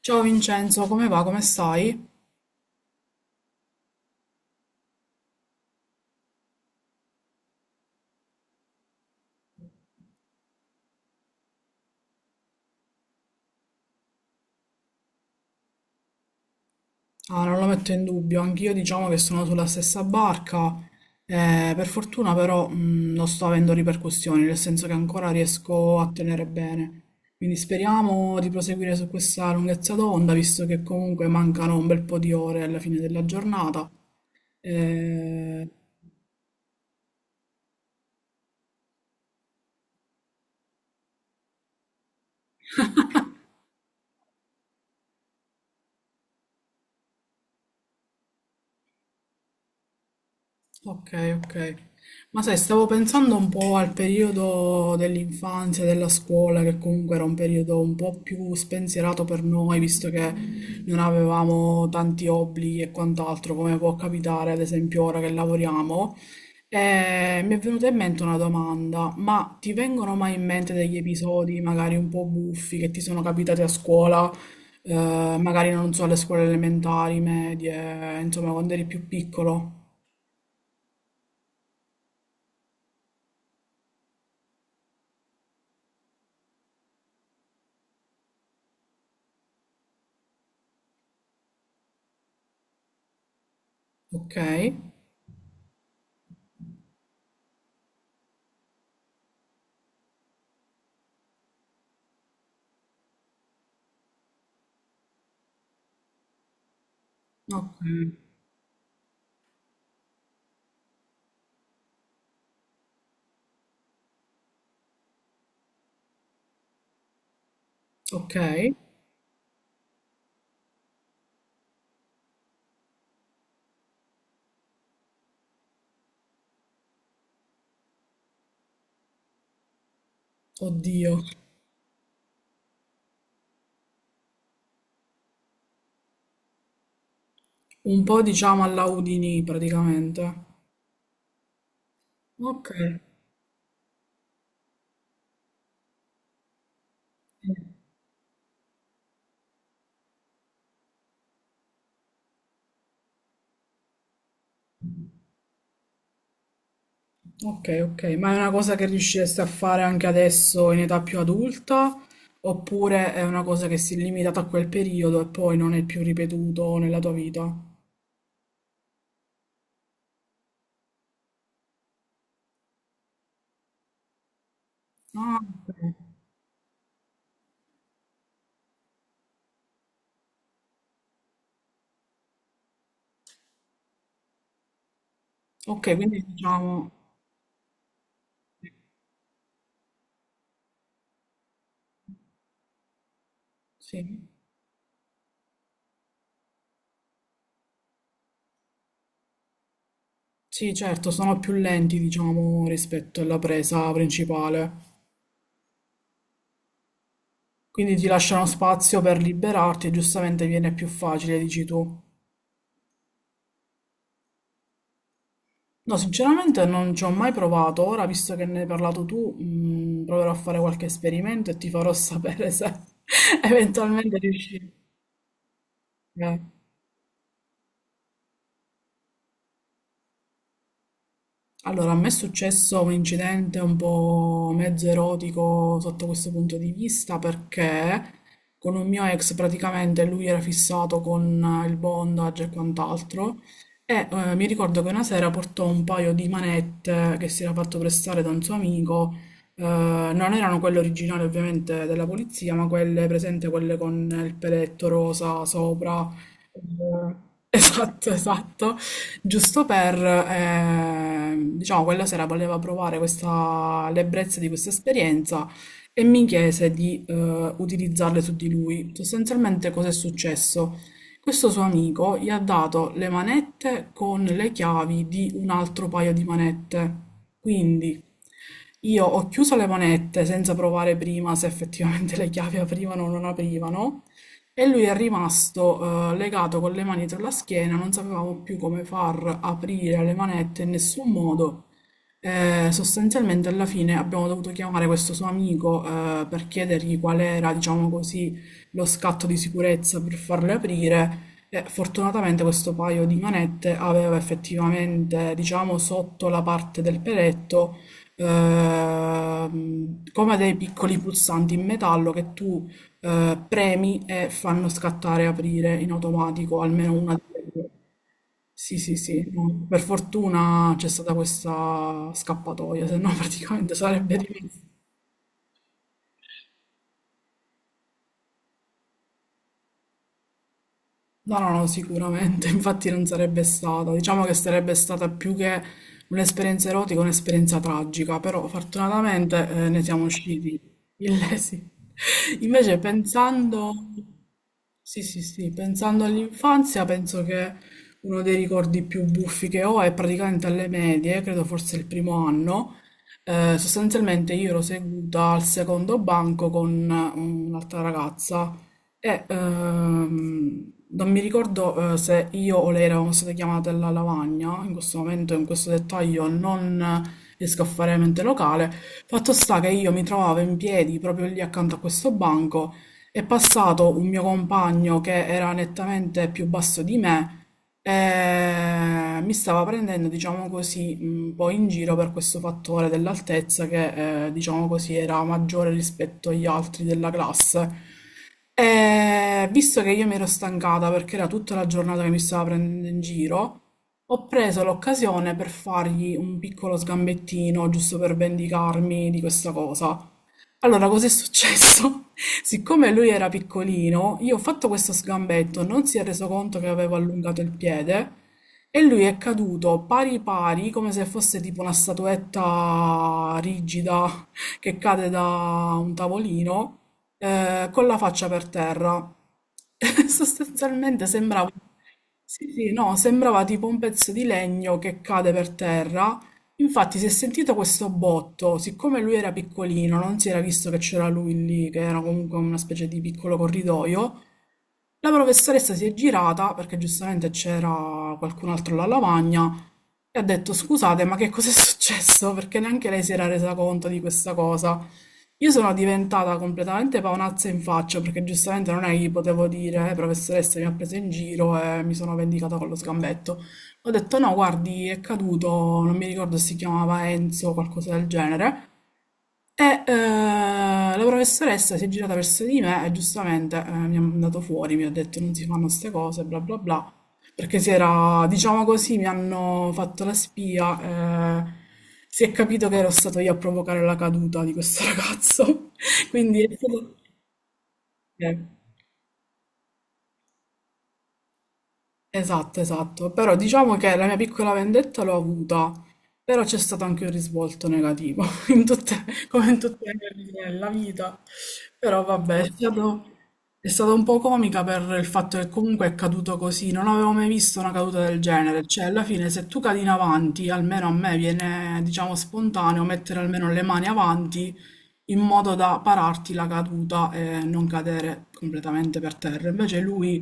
Ciao Vincenzo, come va? Come stai? Ah, non lo metto in dubbio, anch'io diciamo che sono sulla stessa barca. Per fortuna però non sto avendo ripercussioni, nel senso che ancora riesco a tenere bene. Quindi speriamo di proseguire su questa lunghezza d'onda, visto che comunque mancano un bel po' di ore alla fine della giornata. Eh, Ok, ok. Ma sai, stavo pensando un po' al periodo dell'infanzia, della scuola, che comunque era un periodo un po' più spensierato per noi, visto che non avevamo tanti obblighi e quant'altro, come può capitare ad esempio ora che lavoriamo. E mi è venuta in mente una domanda, ma ti vengono mai in mente degli episodi magari un po' buffi che ti sono capitati a scuola, magari non so, alle scuole elementari, medie, insomma, quando eri più piccolo? Okay, okay, okay. Oddio, un po' diciamo alla Houdini praticamente. Okay, mh, okay, okay, ma è una cosa che riusciresti a fare anche adesso in età più adulta? Oppure è una cosa che si è limitata a quel periodo e poi non è più ripetuto nella tua vita? Ah, ok. Ok, quindi diciamo, sì, sì, certo, sono più lenti, diciamo, rispetto alla presa principale. Quindi ti lasciano spazio per liberarti e giustamente viene più facile, dici tu. No, sinceramente non ci ho mai provato. Ora, visto che ne hai parlato tu, proverò a fare qualche esperimento e ti farò sapere se eventualmente riuscirò. Eh. Allora, a me è successo un incidente un po' mezzo erotico sotto questo punto di vista perché con un mio ex praticamente lui era fissato con il bondage e quant'altro e mi ricordo che una sera portò un paio di manette che si era fatto prestare da un suo amico, non erano quelle originali ovviamente della polizia, ma quelle presente, quelle con il peletto rosa sopra. Esatto, esatto, giusto per, diciamo, quella sera voleva provare questa, l'ebbrezza di questa esperienza e mi chiese di utilizzarle su di lui. Sostanzialmente cosa è successo? Questo suo amico gli ha dato le manette con le chiavi di un altro paio di manette. Quindi io ho chiuso le manette senza provare prima se effettivamente le chiavi aprivano o non aprivano. E lui è rimasto, legato con le mani dietro la schiena, non sapevamo più come far aprire le manette in nessun modo. Sostanzialmente alla fine abbiamo dovuto chiamare questo suo amico, per chiedergli qual era, diciamo così, lo scatto di sicurezza per farle aprire. E fortunatamente questo paio di manette aveva effettivamente, diciamo, sotto la parte del peletto, come dei piccoli pulsanti in metallo che tu premi e fanno scattare aprire in automatico almeno una delle due. Sì, sì, sì, no. Per fortuna c'è stata questa scappatoia, se no praticamente sarebbe rimasta. No, no, no, sicuramente, infatti non sarebbe stata. Diciamo che sarebbe stata più che un'esperienza erotica, un'esperienza tragica, però fortunatamente ne siamo usciti illesi. Invece pensando, sì, sì, sì, pensando all'infanzia, penso che uno dei ricordi più buffi che ho è praticamente alle medie, credo forse il primo anno. Sostanzialmente io ero seduta al secondo banco con un'altra ragazza e non mi ricordo se io o lei eravamo state chiamate alla lavagna, in questo momento, in questo dettaglio non riesco a fare mente locale. Fatto sta che io mi trovavo in piedi proprio lì accanto a questo banco, è passato un mio compagno che era nettamente più basso di me e mi stava prendendo, diciamo così, un po' in giro per questo fattore dell'altezza che, diciamo così, era maggiore rispetto agli altri della classe. E visto che io mi ero stancata perché era tutta la giornata che mi stava prendendo in giro, ho preso l'occasione per fargli un piccolo sgambettino, giusto per vendicarmi di questa cosa. Allora, cosa è successo? Siccome lui era piccolino, io ho fatto questo sgambetto, non si è reso conto che avevo allungato il piede e lui è caduto pari pari, come se fosse tipo una statuetta rigida che cade da un tavolino, con la faccia per terra. Sostanzialmente sembrava, sì, sì, no, sembrava tipo un pezzo di legno che cade per terra. Infatti si è sentito questo botto, siccome lui era piccolino, non si era visto che c'era lui lì, che era comunque una specie di piccolo corridoio, la professoressa si è girata, perché giustamente c'era qualcun altro alla lavagna, e ha detto scusate, ma che cos'è successo? Perché neanche lei si era resa conto di questa cosa. Io sono diventata completamente paonazza in faccia perché giustamente non è che gli potevo dire, professoressa mi ha preso in giro e mi sono vendicata con lo sgambetto." Ho detto no, guardi, è caduto, non mi ricordo se si chiamava Enzo o qualcosa del genere, e, la professoressa si è girata verso di me e giustamente, mi ha mandato fuori, mi ha detto non si fanno ste cose, bla bla bla, perché si era, diciamo così, mi hanno fatto la spia, si è capito che ero stato io a provocare la caduta di questo ragazzo. Quindi è stato... eh. Esatto, esatto. Però diciamo che la mia piccola vendetta l'ho avuta, però c'è stato anche un risvolto negativo, in come in tutte le cose nella vita. Però vabbè, è stata un po' comica per il fatto che comunque è caduto così. Non avevo mai visto una caduta del genere. Cioè, alla fine, se tu cadi in avanti, almeno a me viene, diciamo, spontaneo mettere almeno le mani avanti in modo da pararti la caduta e non cadere completamente per terra. Invece lui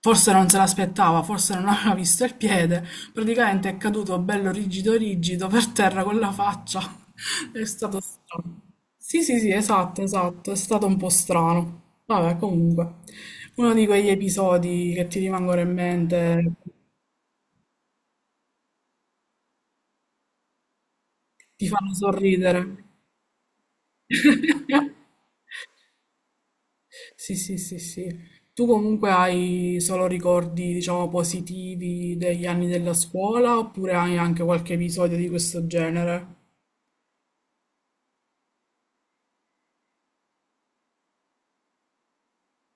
forse non se l'aspettava, forse non aveva visto il piede, praticamente è caduto bello rigido rigido per terra con la faccia. È stato strano. Sì, sì, sì, esatto, esatto, è stato un po' strano. Vabbè, comunque, uno di quegli episodi che ti rimangono in mente, ti fanno sorridere. Sì, sì, sì, sì. Tu comunque hai solo ricordi, diciamo, positivi degli anni della scuola oppure hai anche qualche episodio di questo genere?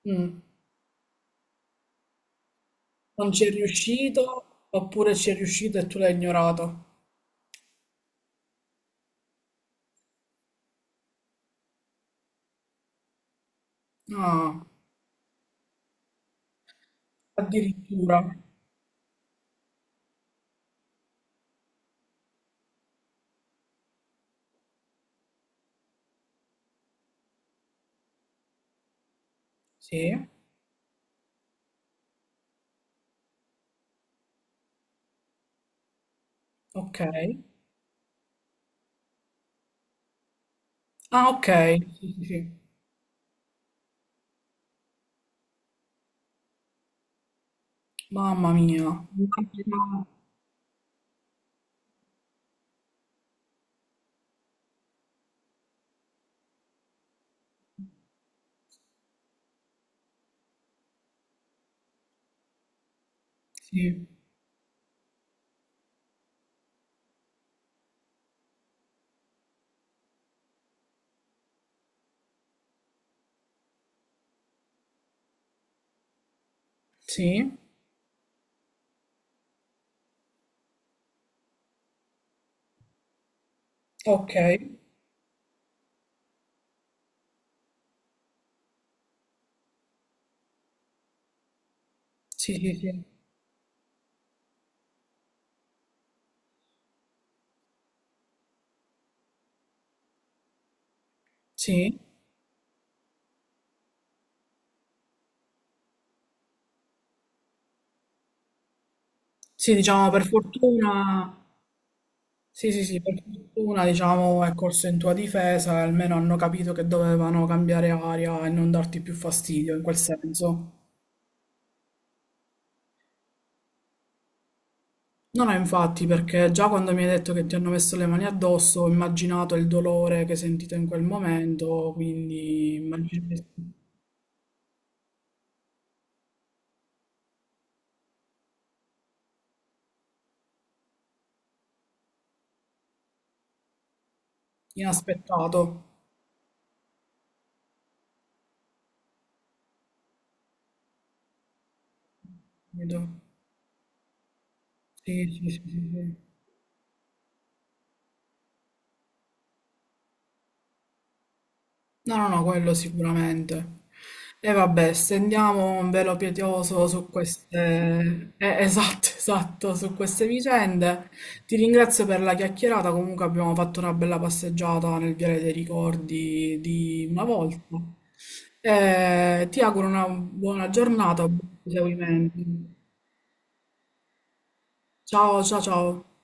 Mm. Non ci è riuscito oppure ci è riuscito e tu l'hai ignorato? Ah, addirittura. Sì, ok. Ah, ok. Sì, sì, sì. Mamma mia. Immagino- Sì, sì, ok. Sì, sì, sì. Sì, sì, diciamo per fortuna, sì, sì, sì, per fortuna, diciamo, è corso in tua difesa, e almeno hanno capito che dovevano cambiare aria e non darti più fastidio in quel senso. No, no, infatti, perché già quando mi hai detto che ti hanno messo le mani addosso, ho immaginato il dolore che hai sentito in quel momento, quindi immagino che- inaspettato. Capito? Sì, sì, sì, sì, sì. No, no, no, quello sicuramente. E vabbè, stendiamo un velo pietoso su queste... esatto, esatto, su queste vicende. Ti ringrazio per la chiacchierata, comunque abbiamo fatto una bella passeggiata nel Viale dei Ricordi di una volta. Ti auguro una buona giornata, buon proseguimento. Ciao, ciao, ciao.